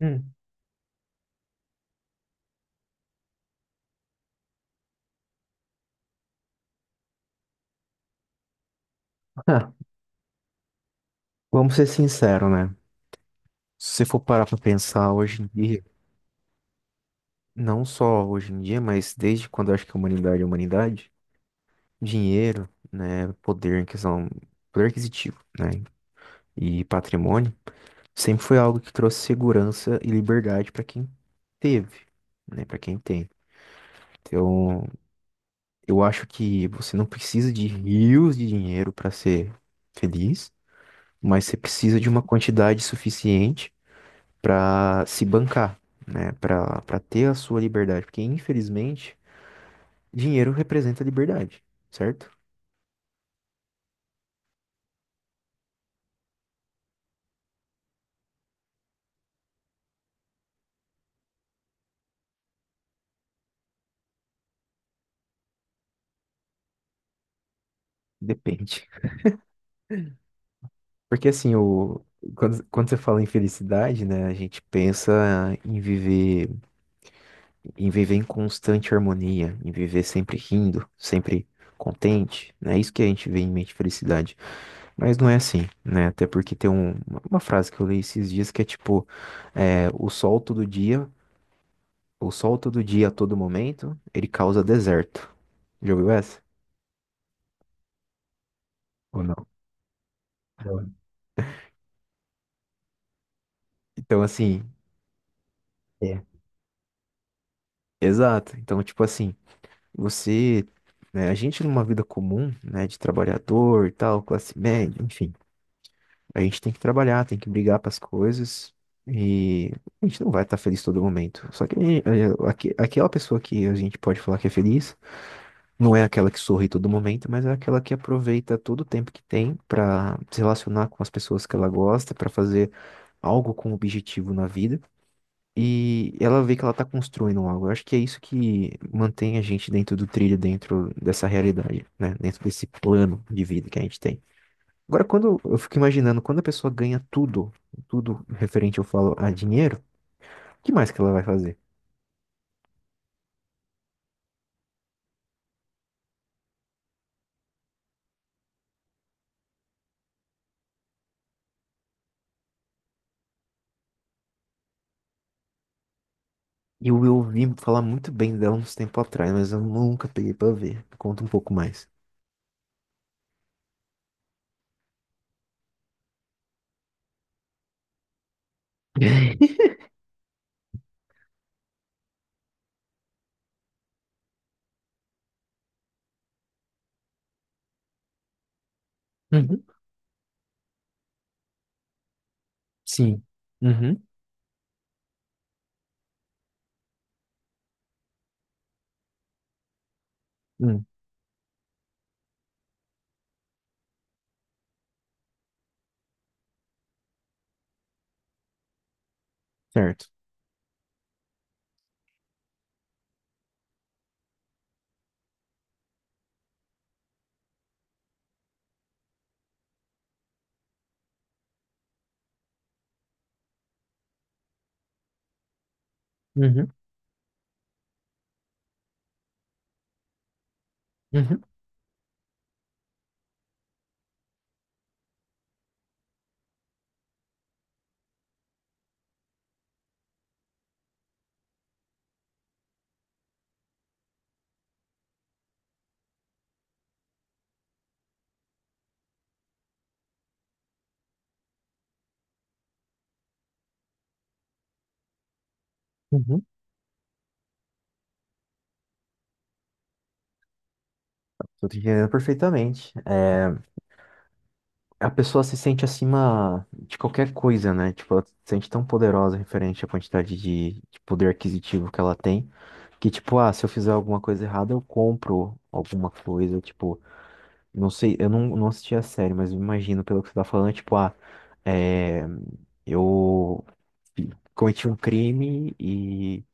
Hum. Ah, vamos ser sinceros, né? Se você for parar pra pensar hoje em dia, não só hoje em dia, mas desde quando eu acho que a humanidade é humanidade, dinheiro, né, poder em questão, poder aquisitivo, né, e patrimônio, sempre foi algo que trouxe segurança e liberdade pra quem teve, né, para quem tem. Então, eu acho que você não precisa de rios de dinheiro para ser feliz, mas você precisa de uma quantidade suficiente para se bancar, né? Para ter a sua liberdade, porque infelizmente dinheiro representa liberdade, certo? Depende. Porque assim, o quando você fala em felicidade, né, a gente pensa em viver em constante harmonia, em viver sempre rindo, sempre contente, né? Isso que a gente vê em mente felicidade. Mas não é assim, né? Até porque tem uma frase que eu li esses dias que é tipo, é, o sol todo dia. O sol todo dia, a todo momento, ele causa deserto. Já ouviu essa? Ou não? Não. Então, assim, é, exato. Então, tipo assim, você, né, a gente numa vida comum, né, de trabalhador e tal, classe média, enfim, a gente tem que trabalhar, tem que brigar para as coisas e a gente não vai estar feliz todo momento. Só que aquela pessoa que a gente pode falar que é feliz não é aquela que sorri todo momento, mas é aquela que aproveita todo o tempo que tem para se relacionar com as pessoas que ela gosta, para fazer algo com objetivo na vida e ela vê que ela tá construindo algo. Eu acho que é isso que mantém a gente dentro do trilho, dentro dessa realidade, né? Dentro desse plano de vida que a gente tem. Agora, quando eu fico imaginando, quando a pessoa ganha tudo, tudo referente, eu falo, a dinheiro, o que mais que ela vai fazer? Eu ouvi falar muito bem dela uns tempos atrás, mas eu nunca peguei pra ver. Conta um pouco mais. Uhum. Sim. Uhum. Hum. Certo. Uhum. Uhum. Uhum. Tô te entendendo perfeitamente. É, a pessoa se sente acima de qualquer coisa, né? Tipo, ela se sente tão poderosa referente à quantidade de poder aquisitivo que ela tem, que tipo, ah, se eu fizer alguma coisa errada, eu compro alguma coisa, tipo, não sei, eu não, não assisti a série, mas eu imagino pelo que você tá falando, tipo, ah, é, eu cometi um crime e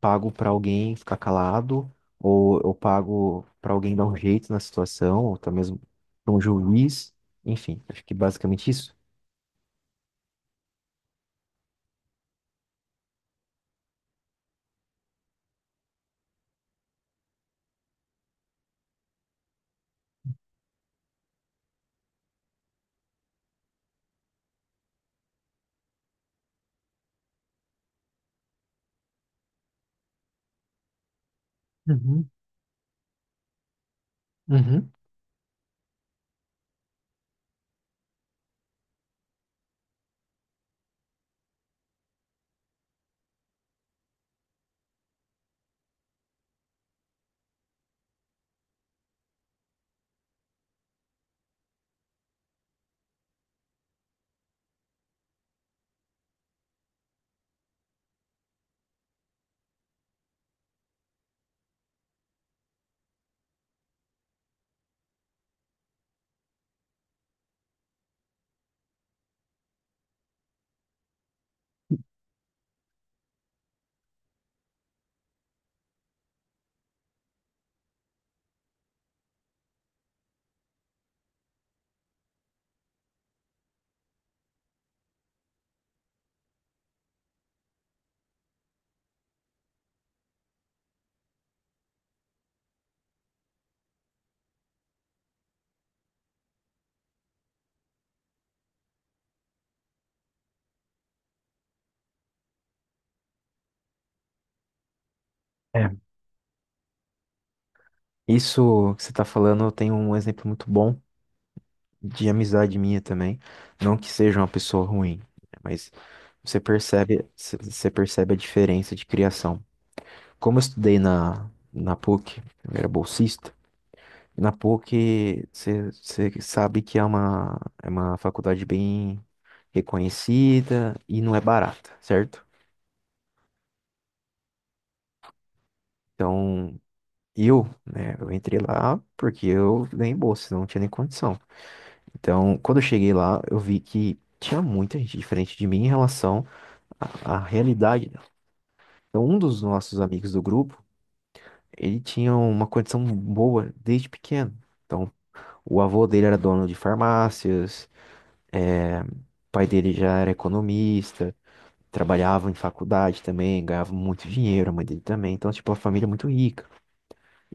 pago para alguém ficar calado, ou eu pago para alguém dar um jeito na situação, ou até mesmo para um juiz. Enfim, acho que basicamente isso. Uhum, uhum. É. Isso que você está falando, eu tenho um exemplo muito bom de amizade minha também. Não que seja uma pessoa ruim, né, mas você percebe, você percebe a diferença de criação. Como eu estudei na PUC, eu era bolsista. E na PUC, você sabe que é uma faculdade bem reconhecida e não é barata, certo? Então, eu, né, eu entrei lá porque eu ganhei bolsa, não tinha nem condição. Então, quando eu cheguei lá, eu vi que tinha muita gente diferente de mim em relação à, à realidade dela. Então, um dos nossos amigos do grupo, ele tinha uma condição boa desde pequeno. Então, o avô dele era dono de farmácias, é, o pai dele já era economista, trabalhava em faculdade também, ganhava muito dinheiro, a mãe dele também. Então, tipo, a família é muito rica.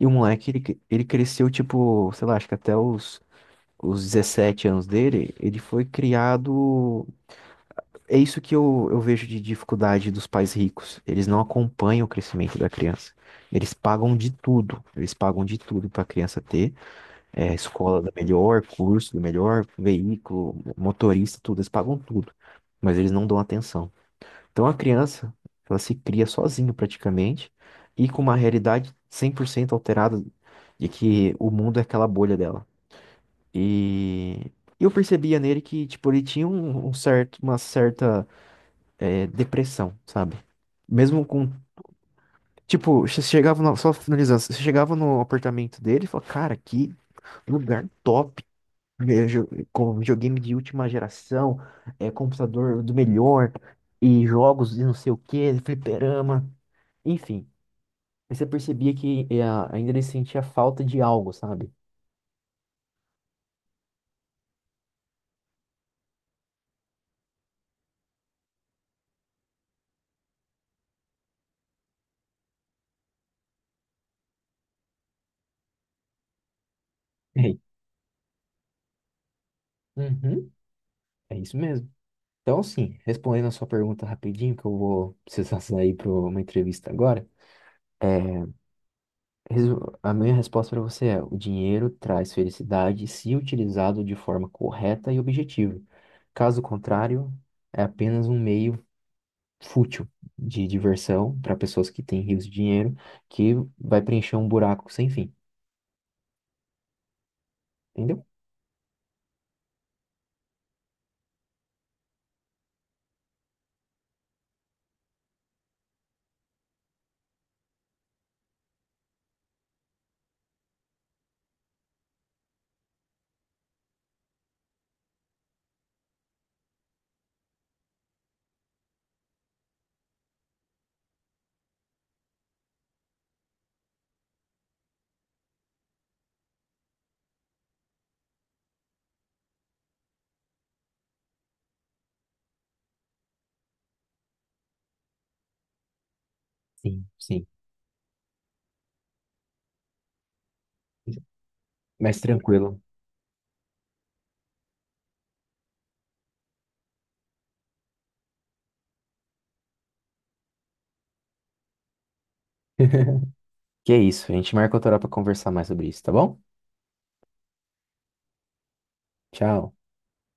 E o moleque, ele, ele cresceu, tipo, sei lá, acho que até os 17 anos dele, ele foi criado. É isso que eu vejo de dificuldade dos pais ricos. Eles não acompanham o crescimento da criança. Eles pagam de tudo. Eles pagam de tudo para a criança ter é, escola da melhor, curso do melhor, veículo, motorista, tudo, eles pagam tudo, mas eles não dão atenção. Então a criança, ela se cria sozinha praticamente e com uma realidade 100% alterada de que o mundo é aquela bolha dela. E eu percebia nele que, tipo, ele tinha um, um certo, uma certa é, depressão, sabe? Mesmo com. Tipo, você chegava no, só finalizando, você chegava no apartamento dele e falava, cara, que lugar top. Com videogame de última geração, é, computador do melhor, e jogos e não sei o quê, fliperama, enfim. Aí você percebia que ainda ele sentia falta de algo, sabe? Ei, uhum, é isso mesmo. Então, sim, respondendo a sua pergunta rapidinho, que eu vou precisar sair para uma entrevista agora, é, a minha resposta para você é: o dinheiro traz felicidade se utilizado de forma correta e objetiva. Caso contrário, é apenas um meio fútil de diversão para pessoas que têm rios de dinheiro, que vai preencher um buraco sem fim, entendeu? Sim, sim. Mas tranquilo. Que é isso, a gente marca outra hora para conversar mais sobre isso, tá bom? Tchau.